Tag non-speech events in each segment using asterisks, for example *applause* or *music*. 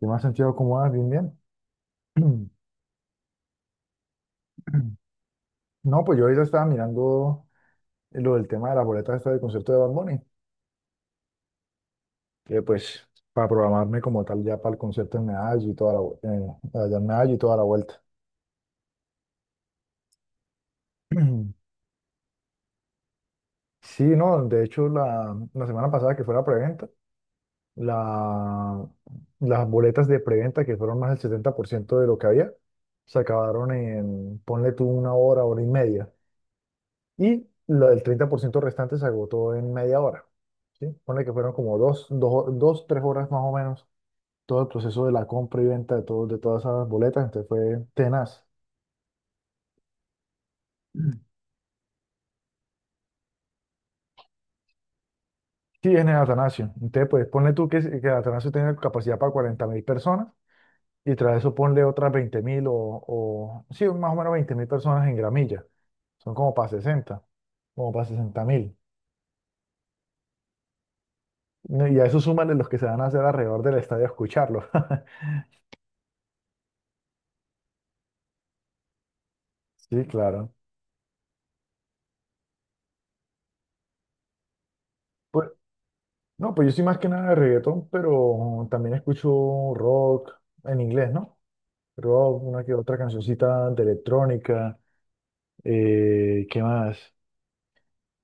¿Qué más, Santiago? ¿Cómo vas? Bien, bien. *clears throat* No, pues yo ahorita estaba mirando lo del tema de las boletas esta del concierto de Bad Bunny, que pues para programarme como tal ya para el concierto en Medallo y toda la, allá en Medallo y toda la vuelta. *clears throat* Sí, no, de hecho la, semana pasada que fue la preventa, la, las boletas de preventa que fueron más del 70% de lo que había, se acabaron en, ponle tú una hora, hora y media. Y lo del 30% restante se agotó en media hora, ¿sí? Ponle que fueron como dos, tres horas más o menos todo el proceso de la compra y venta de, todo, de todas esas boletas, entonces fue tenaz. Mm. Sí, en el Atanasio. Entonces, pues ponle tú que el Atanasio tenga capacidad para 40.000 personas y tras eso ponle otras 20.000 o, sí, más o menos 20.000 personas en gramilla. Son como para 60.000. Y a eso súmale los que se van a hacer alrededor del estadio a escucharlo. *laughs* Sí, claro. Pues no, pues yo soy más que nada de reggaetón, pero también escucho rock en inglés, ¿no? Rock, una que otra cancioncita de electrónica, ¿qué más?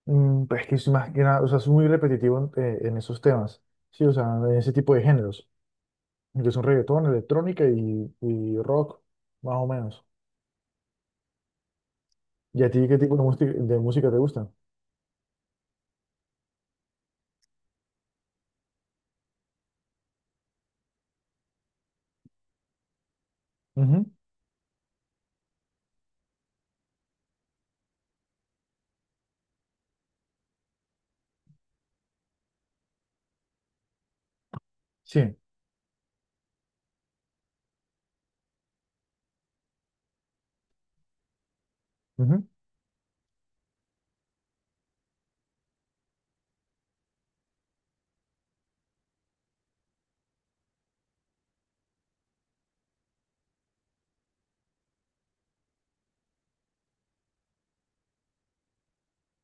Pues es que soy más que nada, o sea, soy muy repetitivo en esos temas, sí, o sea, en ese tipo de géneros, que son reggaetón, electrónica y rock, más o menos. ¿Y a ti qué tipo de música te gusta? Ujú. Sí. Ujú.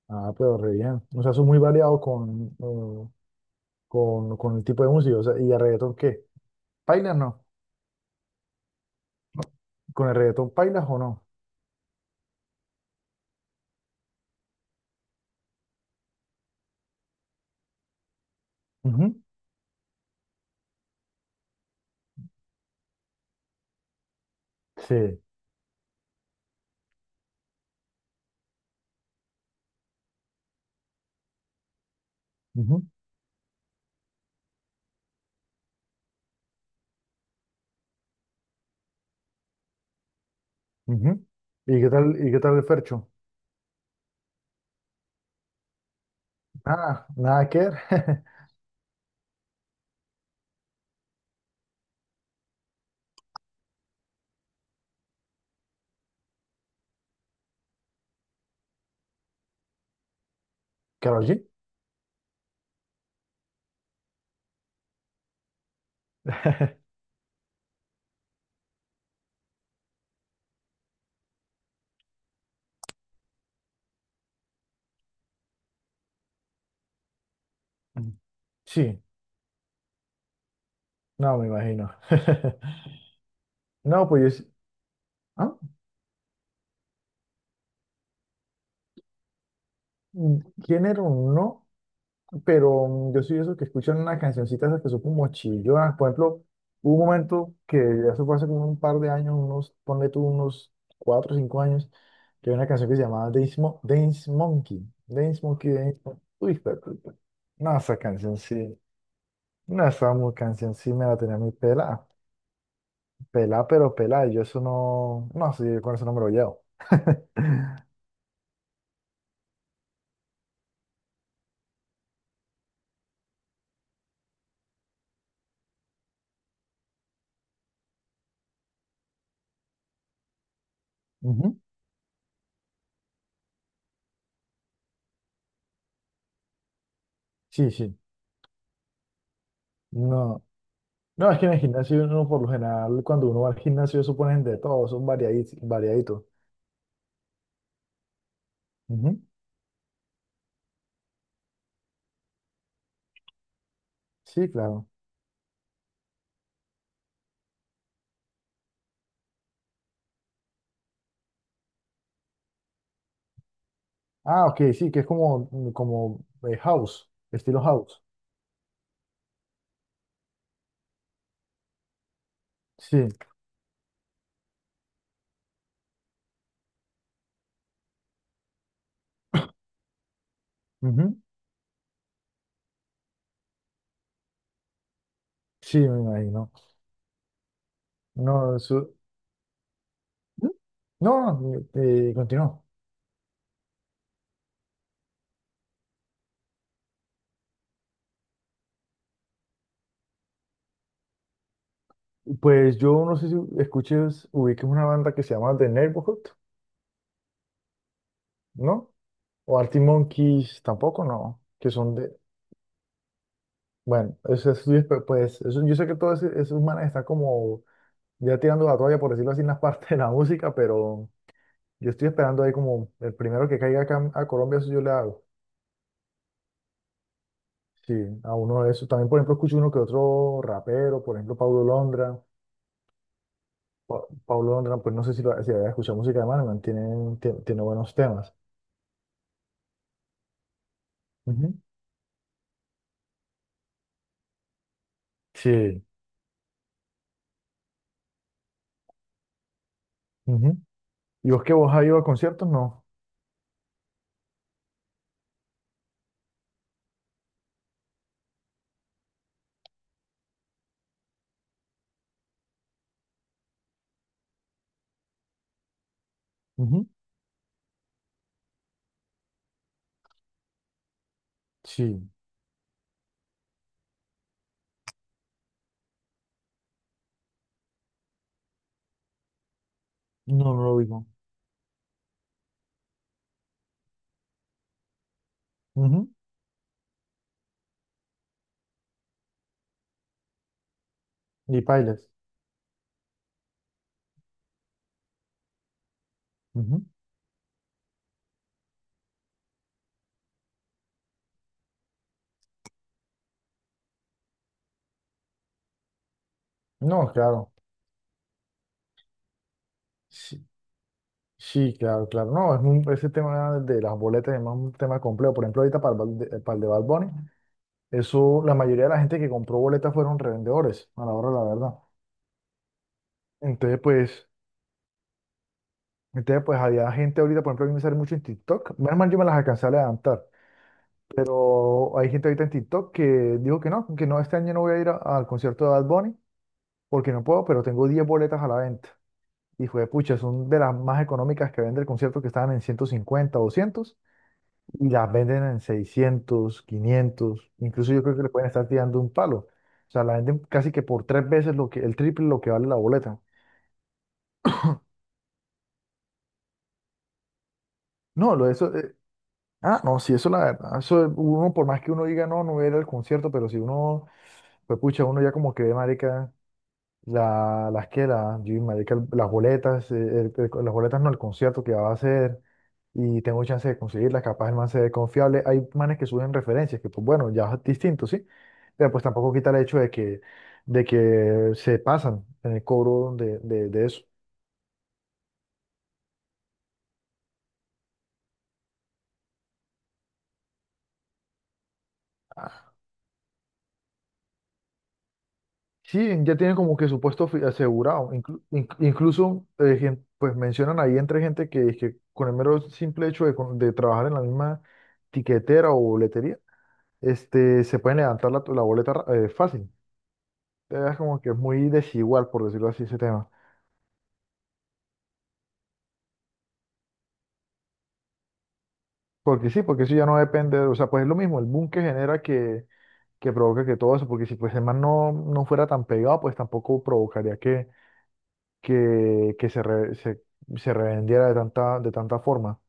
Ah, pero re bien. O sea, soy muy variado con, con el tipo de música, o sea, ¿y a reggaetón qué? ¿Pailas no? ¿Con el reggaetón pailas o no? Ujú. Sí. Ujú. Ujú. ¿Y qué tal, el Fercho? Nada, nada que ver. *laughs* ¿Karol G? *laughs* Sí, no, me imagino. *laughs* No, pues, ¿ah? ¿Género no? Pero yo soy de esos que escuchan una cancioncita esas que son como chillonas. Por ejemplo, hubo un momento que eso fue hace como un par de años, ponle tú unos 4 o 5 años, que había una canción que se llamaba Dance, Dance Monkey. Dance Monkey, Uy, espera, espera, espera. No, esa canción sí. No, esa canción sí me la tenía muy pelada. Pelada, pero pelada. Y yo eso no. No, sí, yo con eso no me lo llevo. Ujú. Sí, sí. No. No, es que en el gimnasio uno por lo general, cuando uno va al gimnasio, eso ponen de todo, son variaditos. Ujú. Sí, claro. Ah, ok, sí, que es como, como house, estilo house. Sí, ujú. Sí, me imagino. No, su- no, no, continuó. Pues yo no sé si escuches, ubiques una banda que se llama The Neighborhood, ¿no? O Artie Monkeys, tampoco, no. Que son de, bueno, eso es, pues, eso, yo sé que todos esos manes están como ya tirando la toalla, por decirlo así, en la *laughs* parte de la música, pero yo estoy esperando ahí como el primero que caiga acá a Colombia, eso yo le hago. Sí, a uno de esos. También, por ejemplo, escucho uno que otro rapero, por ejemplo, Paulo Londra. Paulo Londra, pues no sé si había escuchado música de Manuel, tiene, buenos temas. Ujú. Sí. Ujú. ¿Y vos que vos has ido a conciertos? No. Ujú. Sí, no, no lo digo. Ni bailes. Ujú. No, claro. Sí, sí, claro, claro. No, es ese tema de las boletas es más un tema complejo. Por ejemplo, ahorita para para el de Bad Bunny, eso, la mayoría de la gente que compró boletas fueron revendedores, a la hora de la verdad. Entonces, entonces, pues había gente ahorita, por ejemplo, a mí me sale mucho en TikTok. Menos mal yo me las alcancé a levantar. Pero hay gente ahorita en TikTok que dijo que no, este año no voy a ir al concierto de Bad Bunny porque no puedo, pero tengo 10 boletas a la venta. Y fue, pucha, son de las más económicas que vende el concierto que estaban en 150 200 y las venden en 600 500. Incluso yo creo que le pueden estar tirando un palo. O sea, la venden casi que por tres veces lo que, el triple lo que vale la boleta. No, lo de eso, ah, no, sí, eso la verdad. Eso uno, por más que uno diga, no, no voy a ir al concierto, pero si uno, pues pucha, uno ya como que ve, marica, la, las que, la, yo, marica, las boletas, las boletas no, el concierto que va a hacer, y tengo chance de conseguirlas, capaz el man se ve confiable. Hay manes que suben referencias, que pues bueno, ya es distinto, ¿sí? Pero pues tampoco quita el hecho de que se pasan en el cobro de eso. Sí, ya tienen como que su puesto asegurado. Incluso pues mencionan ahí entre gente que con el mero simple hecho de, de trabajar en la misma tiquetera o boletería, este, se pueden levantar la boleta fácil. Es como que es muy desigual, por decirlo así, ese tema. Porque sí, porque eso ya no depende, o sea, pues es lo mismo, el boom que genera que provoca que todo eso, porque si pues el man no, no fuera tan pegado, pues tampoco provocaría que, que se, se revendiera de tanta forma.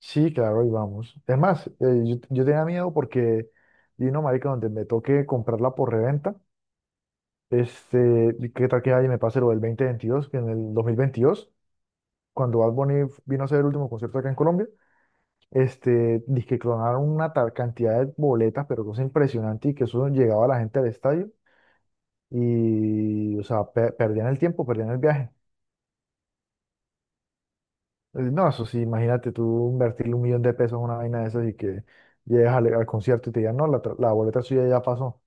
Sí, claro, y vamos. Es más, yo tenía miedo porque, y no, marica, donde me toque comprarla por reventa, este, y qué tal que ahí me pase lo del 2022, que en el 2022, cuando Bad Bunny vino a hacer el último concierto acá en Colombia, este, dizque clonaron una tal cantidad de boletas, pero cosa impresionante, y que eso llegaba a la gente al estadio, y, o sea, perdían el tiempo, perdían el viaje. No, eso sí, imagínate tú invertirle un millón de pesos en una vaina de esas y que llegues al concierto y te digan, no, la boleta suya ya pasó.